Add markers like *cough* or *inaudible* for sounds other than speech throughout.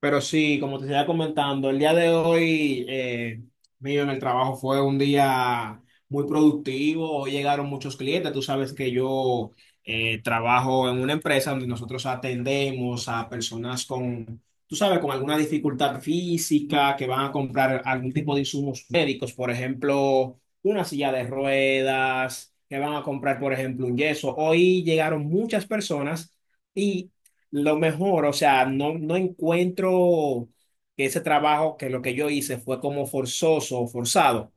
Pero sí, como te estaba comentando, el día de hoy mío en el trabajo fue un día muy productivo. Hoy llegaron muchos clientes. Tú sabes que yo trabajo en una empresa donde nosotros atendemos a personas con, tú sabes, con alguna dificultad física que van a comprar algún tipo de insumos médicos, por ejemplo, una silla de ruedas, que van a comprar, por ejemplo, un yeso. Hoy llegaron muchas personas. Lo mejor, o sea, no encuentro que ese trabajo, que lo que yo hice fue como forzoso o forzado,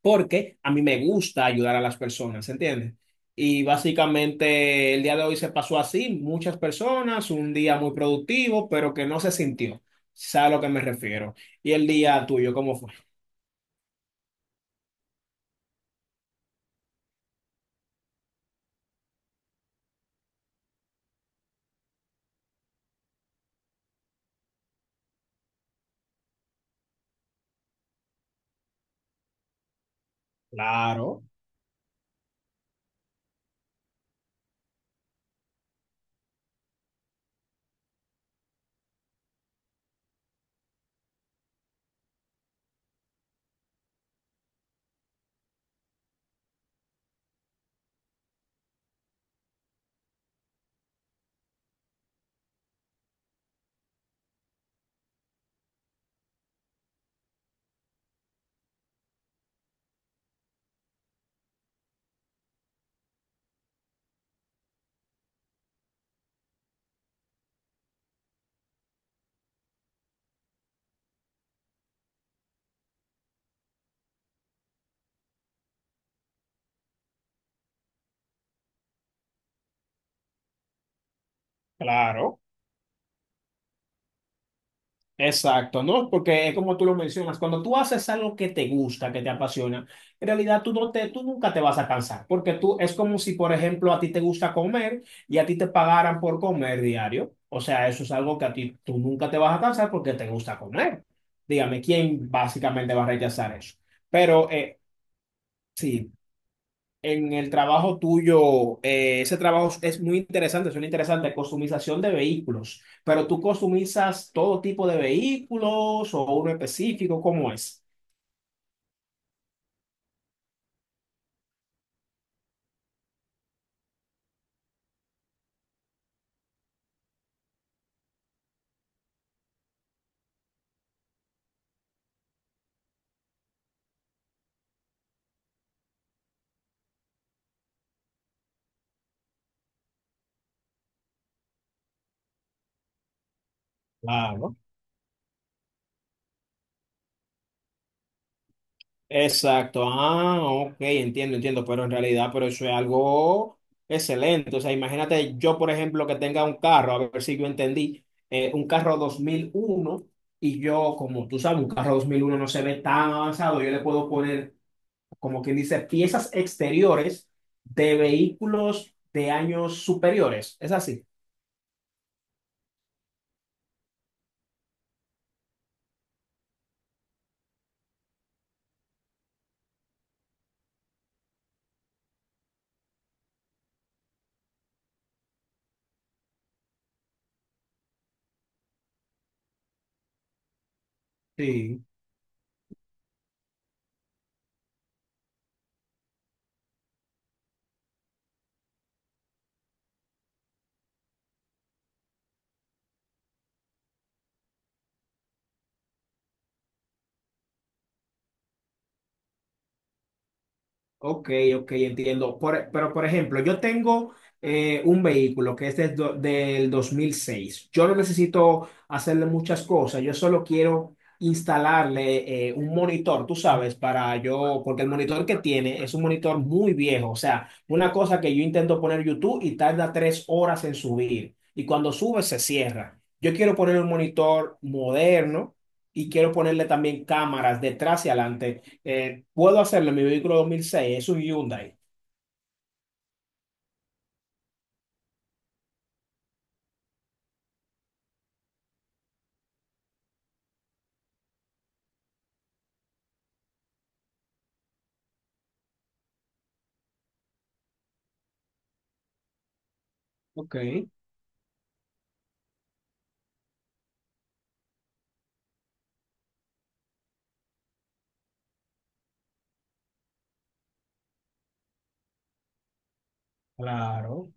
porque a mí me gusta ayudar a las personas, ¿entiendes? Y básicamente el día de hoy se pasó así, muchas personas, un día muy productivo, pero que no se sintió, ¿sabes a lo que me refiero? Y el día tuyo, ¿cómo fue? Claro, claro. Exacto, ¿no? Porque es como tú lo mencionas, cuando tú haces algo que te gusta, que te apasiona, en realidad tú nunca te vas a cansar, porque tú es como si, por ejemplo, a ti te gusta comer y a ti te pagaran por comer diario. O sea, eso es algo que a ti tú nunca te vas a cansar porque te gusta comer. Dígame, ¿quién básicamente va a rechazar eso? Pero sí, en el trabajo tuyo, ese trabajo es muy interesante, suena interesante, customización de vehículos, pero tú customizas todo tipo de vehículos o uno específico, ¿cómo es? Claro. Exacto, ah, ok, entiendo, entiendo, pero en realidad, pero eso es algo excelente. O sea, imagínate yo, por ejemplo, que tenga un carro, a ver si yo entendí, un carro 2001. Y yo, como tú sabes, un carro 2001 no se ve tan avanzado, yo le puedo poner, como quien dice, piezas exteriores de vehículos de años superiores. Es así. Sí. Ok, ok, entiendo. Pero, por ejemplo, yo tengo un vehículo que es del 2006. Yo no necesito hacerle muchas cosas. Yo solo quiero instalarle un monitor, tú sabes, para yo, porque el monitor que tiene es un monitor muy viejo. O sea, una cosa que yo intento poner YouTube y tarda 3 horas en subir. Y cuando sube, se cierra. Yo quiero poner un monitor moderno y quiero ponerle también cámaras detrás y adelante. Puedo hacerlo en mi vehículo 2006. Es un Hyundai. Ok, claro,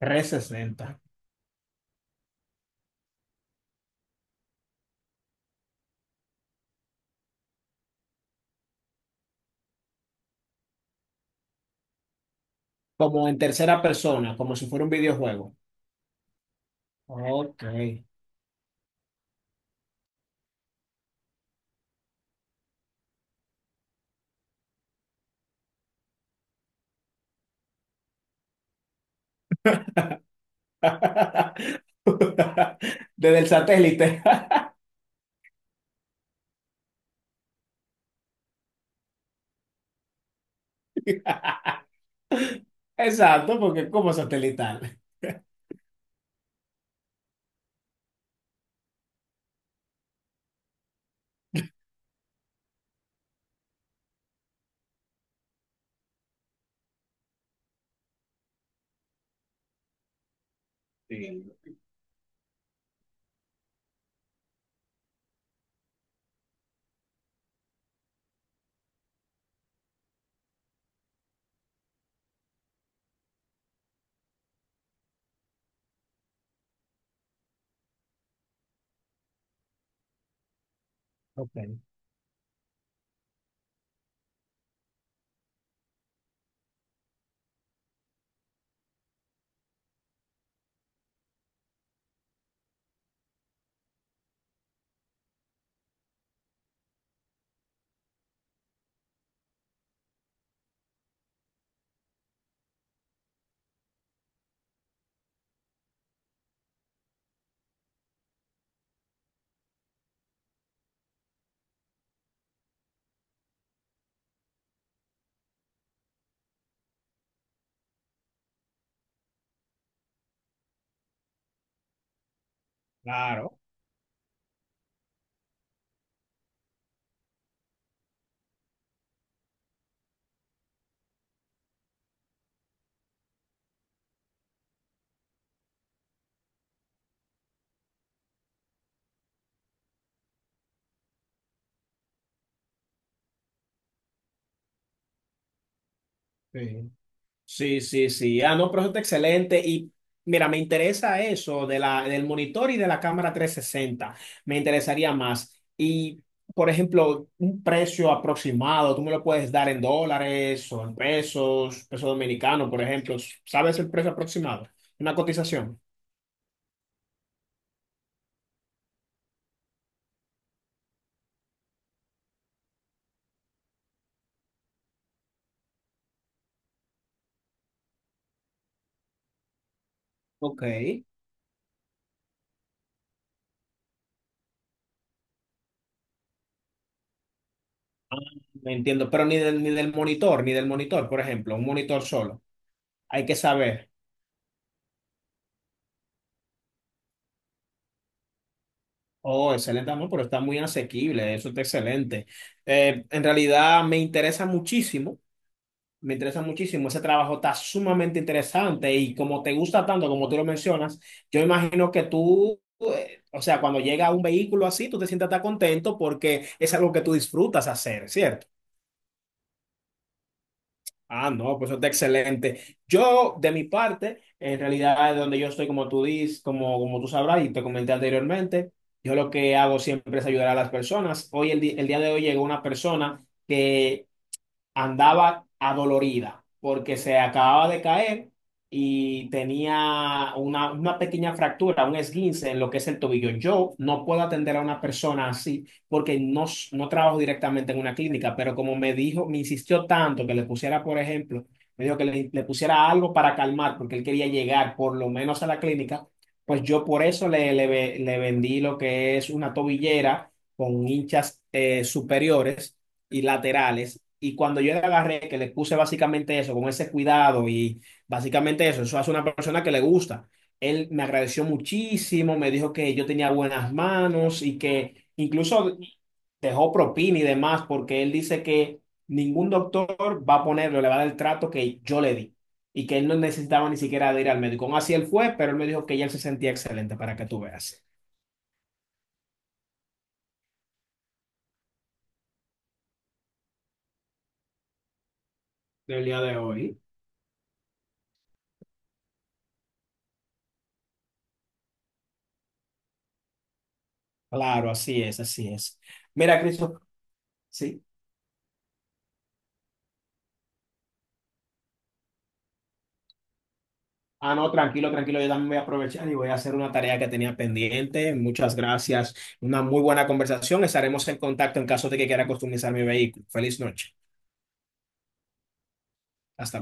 360. Como en tercera persona, como si fuera un videojuego. Ok. *laughs* Desde el satélite. *laughs* Exacto, porque es como satelital. Sí, ok, claro. Sí. Sí, sí, sí. Ah, no, pero eso está excelente. Y mira, me interesa eso de la, del monitor y de la cámara 360. Me interesaría más. Y, por ejemplo, un precio aproximado, tú me lo puedes dar en dólares o en pesos, peso dominicano, por ejemplo. ¿Sabes el precio aproximado? Una cotización. Ok. Ah, me entiendo. Pero ni del monitor, por ejemplo, un monitor solo. Hay que saber. Oh, excelente amor, pero está muy asequible, eso está excelente. En realidad me interesa muchísimo, ese trabajo está sumamente interesante y como te gusta tanto, como tú lo mencionas, yo imagino que tú, o sea, cuando llega un vehículo así, tú te sientas tan contento porque es algo que tú disfrutas hacer, ¿cierto? Ah, no, pues eso está excelente. Yo, de mi parte, en realidad, donde yo estoy, como tú dices, como tú sabrás y te comenté anteriormente, yo lo que hago siempre es ayudar a las personas. Hoy, el día de hoy, llegó una persona que andaba adolorida porque se acababa de caer y tenía una pequeña fractura, un esguince en lo que es el tobillo. Yo no puedo atender a una persona así porque no trabajo directamente en una clínica, pero como me dijo, me insistió tanto que le pusiera, por ejemplo, me dijo le pusiera algo para calmar porque él quería llegar por lo menos a la clínica, pues yo por eso le vendí lo que es una tobillera con hinchas superiores y laterales. Y cuando yo le agarré, que le puse básicamente eso, con ese cuidado y básicamente eso, eso hace una persona que le gusta. Él me agradeció muchísimo, me dijo que yo tenía buenas manos y que incluso dejó propina y demás, porque él dice que ningún doctor va a ponerle, le va a dar el trato que yo le di y que él no necesitaba ni siquiera de ir al médico. Aún así él fue, pero él me dijo que ya él se sentía excelente para que tú veas. Del día de hoy. Claro, así es, así es. Mira, Cristo, sí. Ah, no, tranquilo, tranquilo, yo también voy a aprovechar y voy a hacer una tarea que tenía pendiente. Muchas gracias. Una muy buena conversación. Estaremos en contacto en caso de que quiera customizar mi vehículo. Feliz noche. Hasta